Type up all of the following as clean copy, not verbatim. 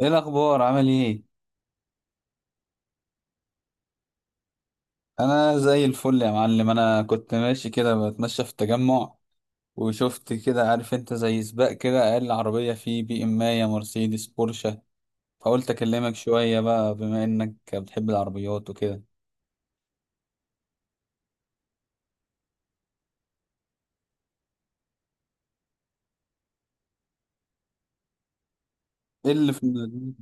ايه الاخبار، عامل ايه؟ انا زي الفل يا معلم. انا كنت ماشي كده بتمشى في التجمع، وشفت كده، عارف انت، زي سباق كده، اقل عربيه فيه بي ام، يا مرسيدس، بورشه. فقلت اكلمك شويه بقى، بما انك بتحب العربيات وكده. ايه اللي في دماغك؟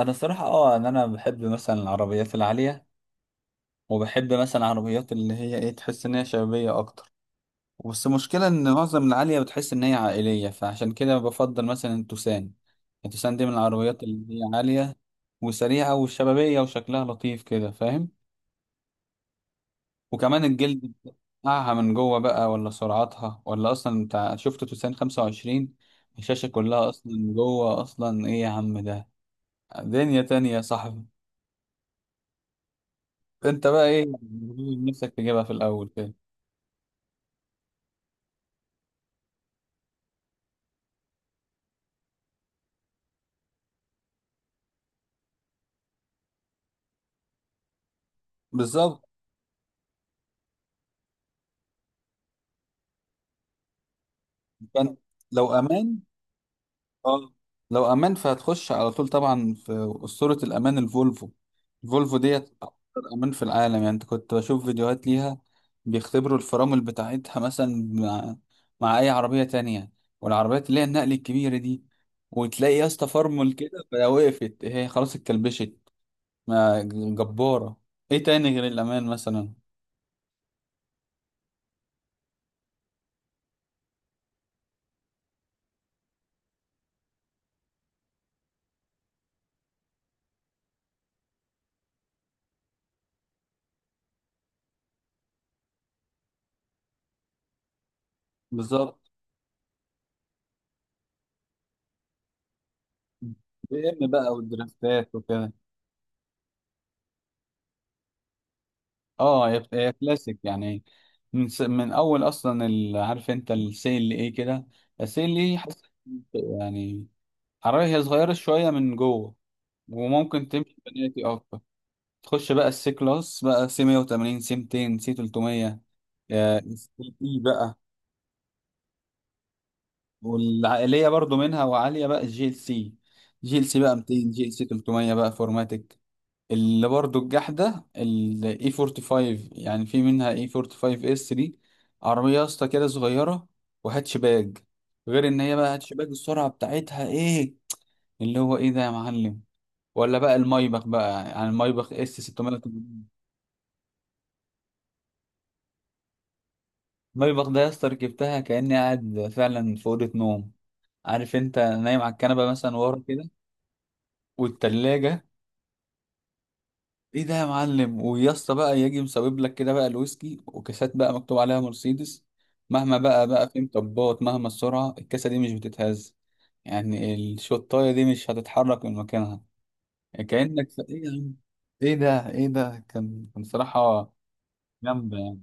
انا الصراحه ان انا بحب مثلا العربيات العاليه، وبحب مثلا العربيات اللي هي ايه، تحس ان هي شبابيه اكتر. بس المشكلة إن معظم العالية بتحس إن هي عائلية، فعشان كده بفضل مثلا التوسان. التوسان دي من العربيات اللي هي عالية وسريعة وشبابية وشكلها لطيف كده، فاهم. وكمان الجلد بتاعها من جوه بقى، ولا سرعتها، ولا أصلا بتاع. شفت توسان 25؟ الشاشة كلها أصلا من جوه، أصلا إيه يا عم ده! دنيا تانية يا صاحبي. أنت بقى إيه، نفسك تجيبها في الأول كده؟ بالظبط. كان لو أمان. اه. لو امان فهتخش على طول، طبعا. في اسطوره الامان، الفولفو. الفولفو ديت اكتر امان في العالم. يعني انت كنت بشوف فيديوهات ليها، بيختبروا الفرامل بتاعتها مثلا مع اي عربيه تانية، والعربيات اللي هي النقل الكبيره دي، وتلاقي يا اسطى فرمل كده، فلو وقفت هي خلاص اتكلبشت. ما، جباره. ايه تاني غير الامان مثلا؟ بالظبط. بي ام بقى والدريفتات وكده. اه، هي كلاسيك يعني. من اول اصلا ال... عارف انت السيل اللي ايه كده، السيل اللي إيه، حاسس يعني. عربية هي صغيرة شوية من جوه، وممكن تمشي بناتي اكتر. تخش بقى السي كلاس بقى، سي 180 سي 200 سي 300، آه، السي اي بقى. والعائلية برضو منها، وعالية بقى الجي ال سي. جي ال سي بقى 200، جي ال سي 300 بقى فورماتيك، اللي برضو الجحدة ال E45. يعني في منها E45S3، عربية يا اسطى كده صغيرة وهاتشباج. غير ان هي بقى هاتشباج، السرعة بتاعتها ايه، اللي هو ايه ده يا معلم! ولا بقى المايبخ بقى، يعني المايبخ S680. المايبخ ده يا اسطى ركبتها كأني قاعد فعلا في أوضة نوم، عارف انت، نايم على الكنبة مثلا ورا كده، والتلاجة. ايه ده يا معلم! ويا اسطى بقى يجي مسبب لك كده بقى الويسكي، وكاسات بقى مكتوب عليها مرسيدس. مهما بقى في مطبات، مهما السرعه، الكاسه دي مش بتتهز. يعني الشطايه دي مش هتتحرك من مكانها. كانك في ايه يا عم؟ ايه ده، ايه ده! كان صراحه. جامده يعني.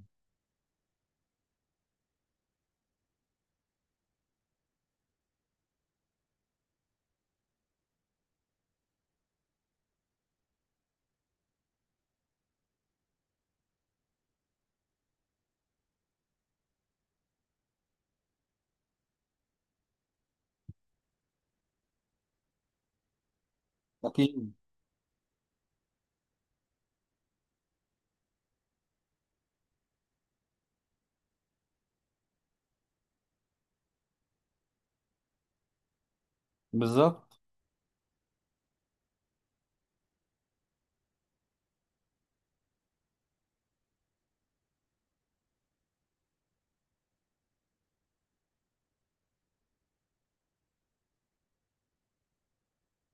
اكيد. بالظبط.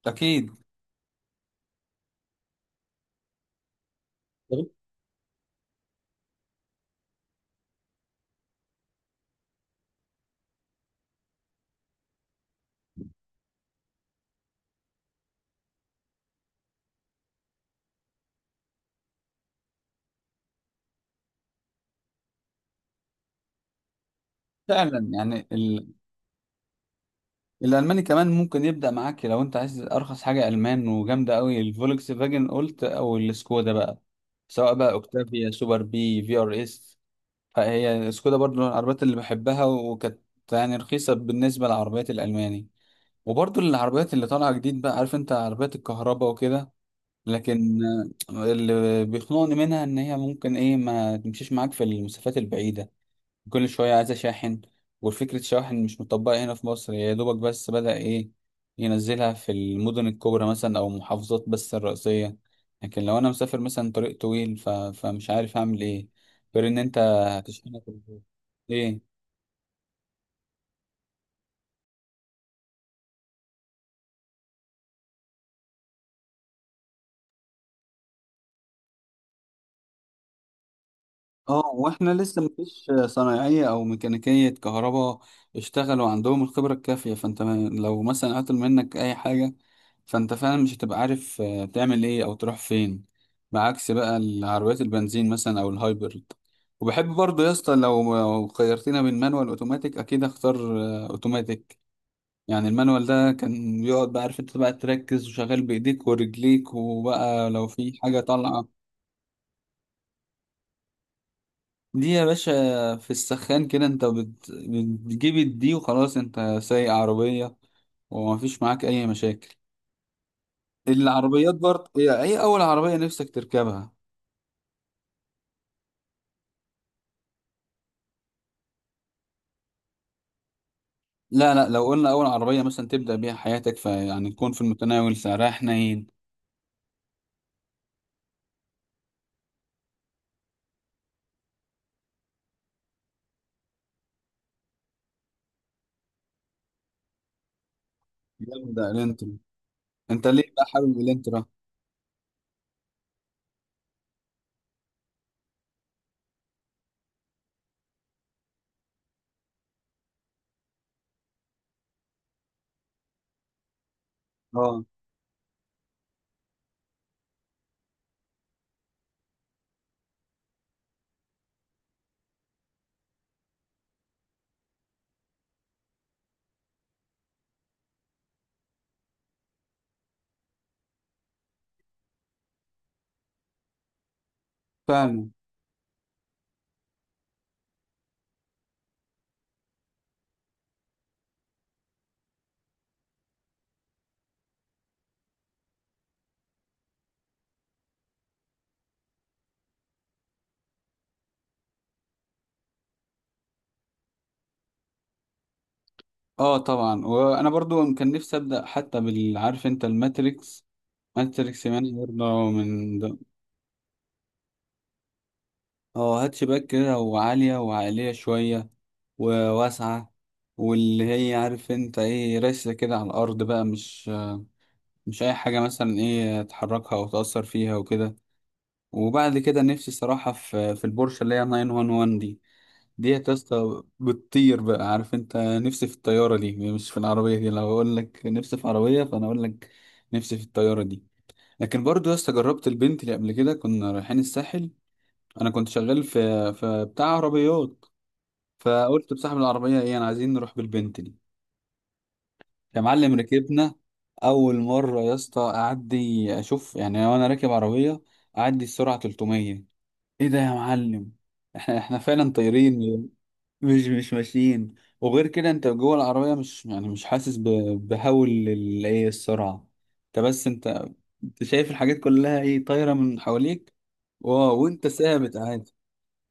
اكيد. فعلا يعني. الالماني كمان ممكن يبدا معاك، لو انت عايز ارخص حاجه المان وجامده قوي، الفولكس فاجن قلت، او السكودا بقى، سواء بقى اوكتافيا سوبر بي في ار اس. فهي سكودا برضو من العربيات اللي بحبها، وكانت يعني رخيصه بالنسبه للعربيات الالماني. وبرضو العربيات اللي طالعه جديد بقى، عارف انت، عربيات الكهرباء وكده. لكن آه، اللي بيخنقني منها ان هي ممكن ايه ما تمشيش معاك في المسافات البعيده، كل شوية عايز أشاحن. والفكرة شواحن مش مطبقة هنا في مصر، يا دوبك بس بدأ إيه ينزلها في المدن الكبرى مثلا، أو المحافظات بس الرئيسية. لكن لو أنا مسافر مثلا طريق طويل، فمش عارف أعمل إيه، غير إن أنت هتشحنها في البيت. إيه؟ اه، واحنا لسه مفيش صنايعية او ميكانيكية كهرباء اشتغلوا عندهم الخبرة الكافية. فانت لو مثلا عطل منك اي حاجة، فانت فعلا مش هتبقى عارف آه، تعمل ايه او تروح فين، بعكس بقى العربيات البنزين مثلا او الهايبرد. وبحب برضه يا اسطى، لو خيرتنا بين مانوال اوتوماتيك، اكيد اختار آه، اوتوماتيك. يعني المانوال ده كان بيقعد بقى، عارف انت بقى تركز وشغال بايديك ورجليك، وبقى لو في حاجة طالعة. دي يا باشا، في السخان كده، انت بتجيب الدي وخلاص، انت سايق عربية ومفيش معاك اي مشاكل. العربيات برضه هي، اي اول عربية نفسك تركبها؟ لا لا، لو قلنا اول عربية مثلا تبدأ بيها حياتك، فيعني تكون في المتناول، سعرها حنين. جامدة الانترا. انت ليه بقى حابب الانترا؟ اه. فاهم. اه طبعا، وانا برضو كان نفسي ابدأ، حتى بالعارف انت، الماتريكس. ماتريكس يعني برضه من. اه، هاتشباك كده، وعالية، وعالية شوية، وواسعة. واللي هي عارف انت ايه، راسة كده على الأرض بقى، مش أي حاجة مثلا ايه تحركها أو تأثر فيها وكده. وبعد كده نفسي صراحة في البورشة اللي هي 911 دي. ديت يا اسطى بتطير بقى، عارف انت، نفسي في الطيارة دي مش في العربية دي. لو أقول لك نفسي في عربية، فأنا أقول لك نفسي في الطيارة دي. لكن برضو يا اسطى، جربت البنت اللي قبل كده كنا رايحين الساحل، أنا كنت شغال في بتاع عربيات، فقلت بصاحب العربية: ايه، انا عايزين نروح بالبنتلي. يا معلم، ركبنا اول مرة يا اسطى. اعدي اشوف يعني، وانا راكب عربية اعدي السرعة 300، ايه ده يا معلم! احنا فعلا طايرين، مش ماشيين. وغير كده انت جوه العربية مش يعني مش حاسس بهول ايه السرعة. انت بس انت، انت شايف الحاجات كلها ايه، طايرة من حواليك. واو! وانت ثابت عادي.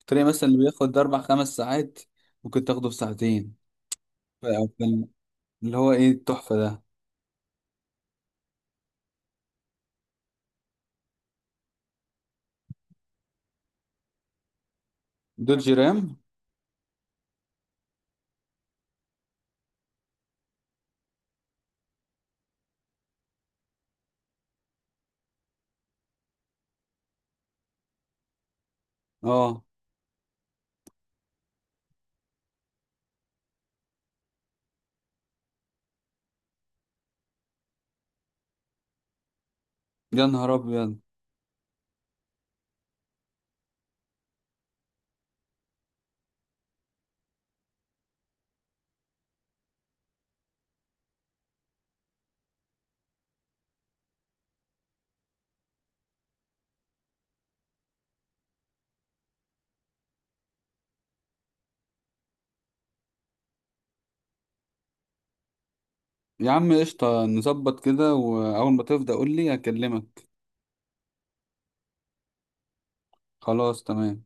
الطريق مثلا اللي بياخد اربع خمس ساعات ممكن تاخده في ساعتين. اللي هو ايه التحفة ده! دوجي رام. اه. يا نهار ابيض. يا عم قشطة، نظبط كده، واول ما تفضى قول لي اكلمك. خلاص تمام.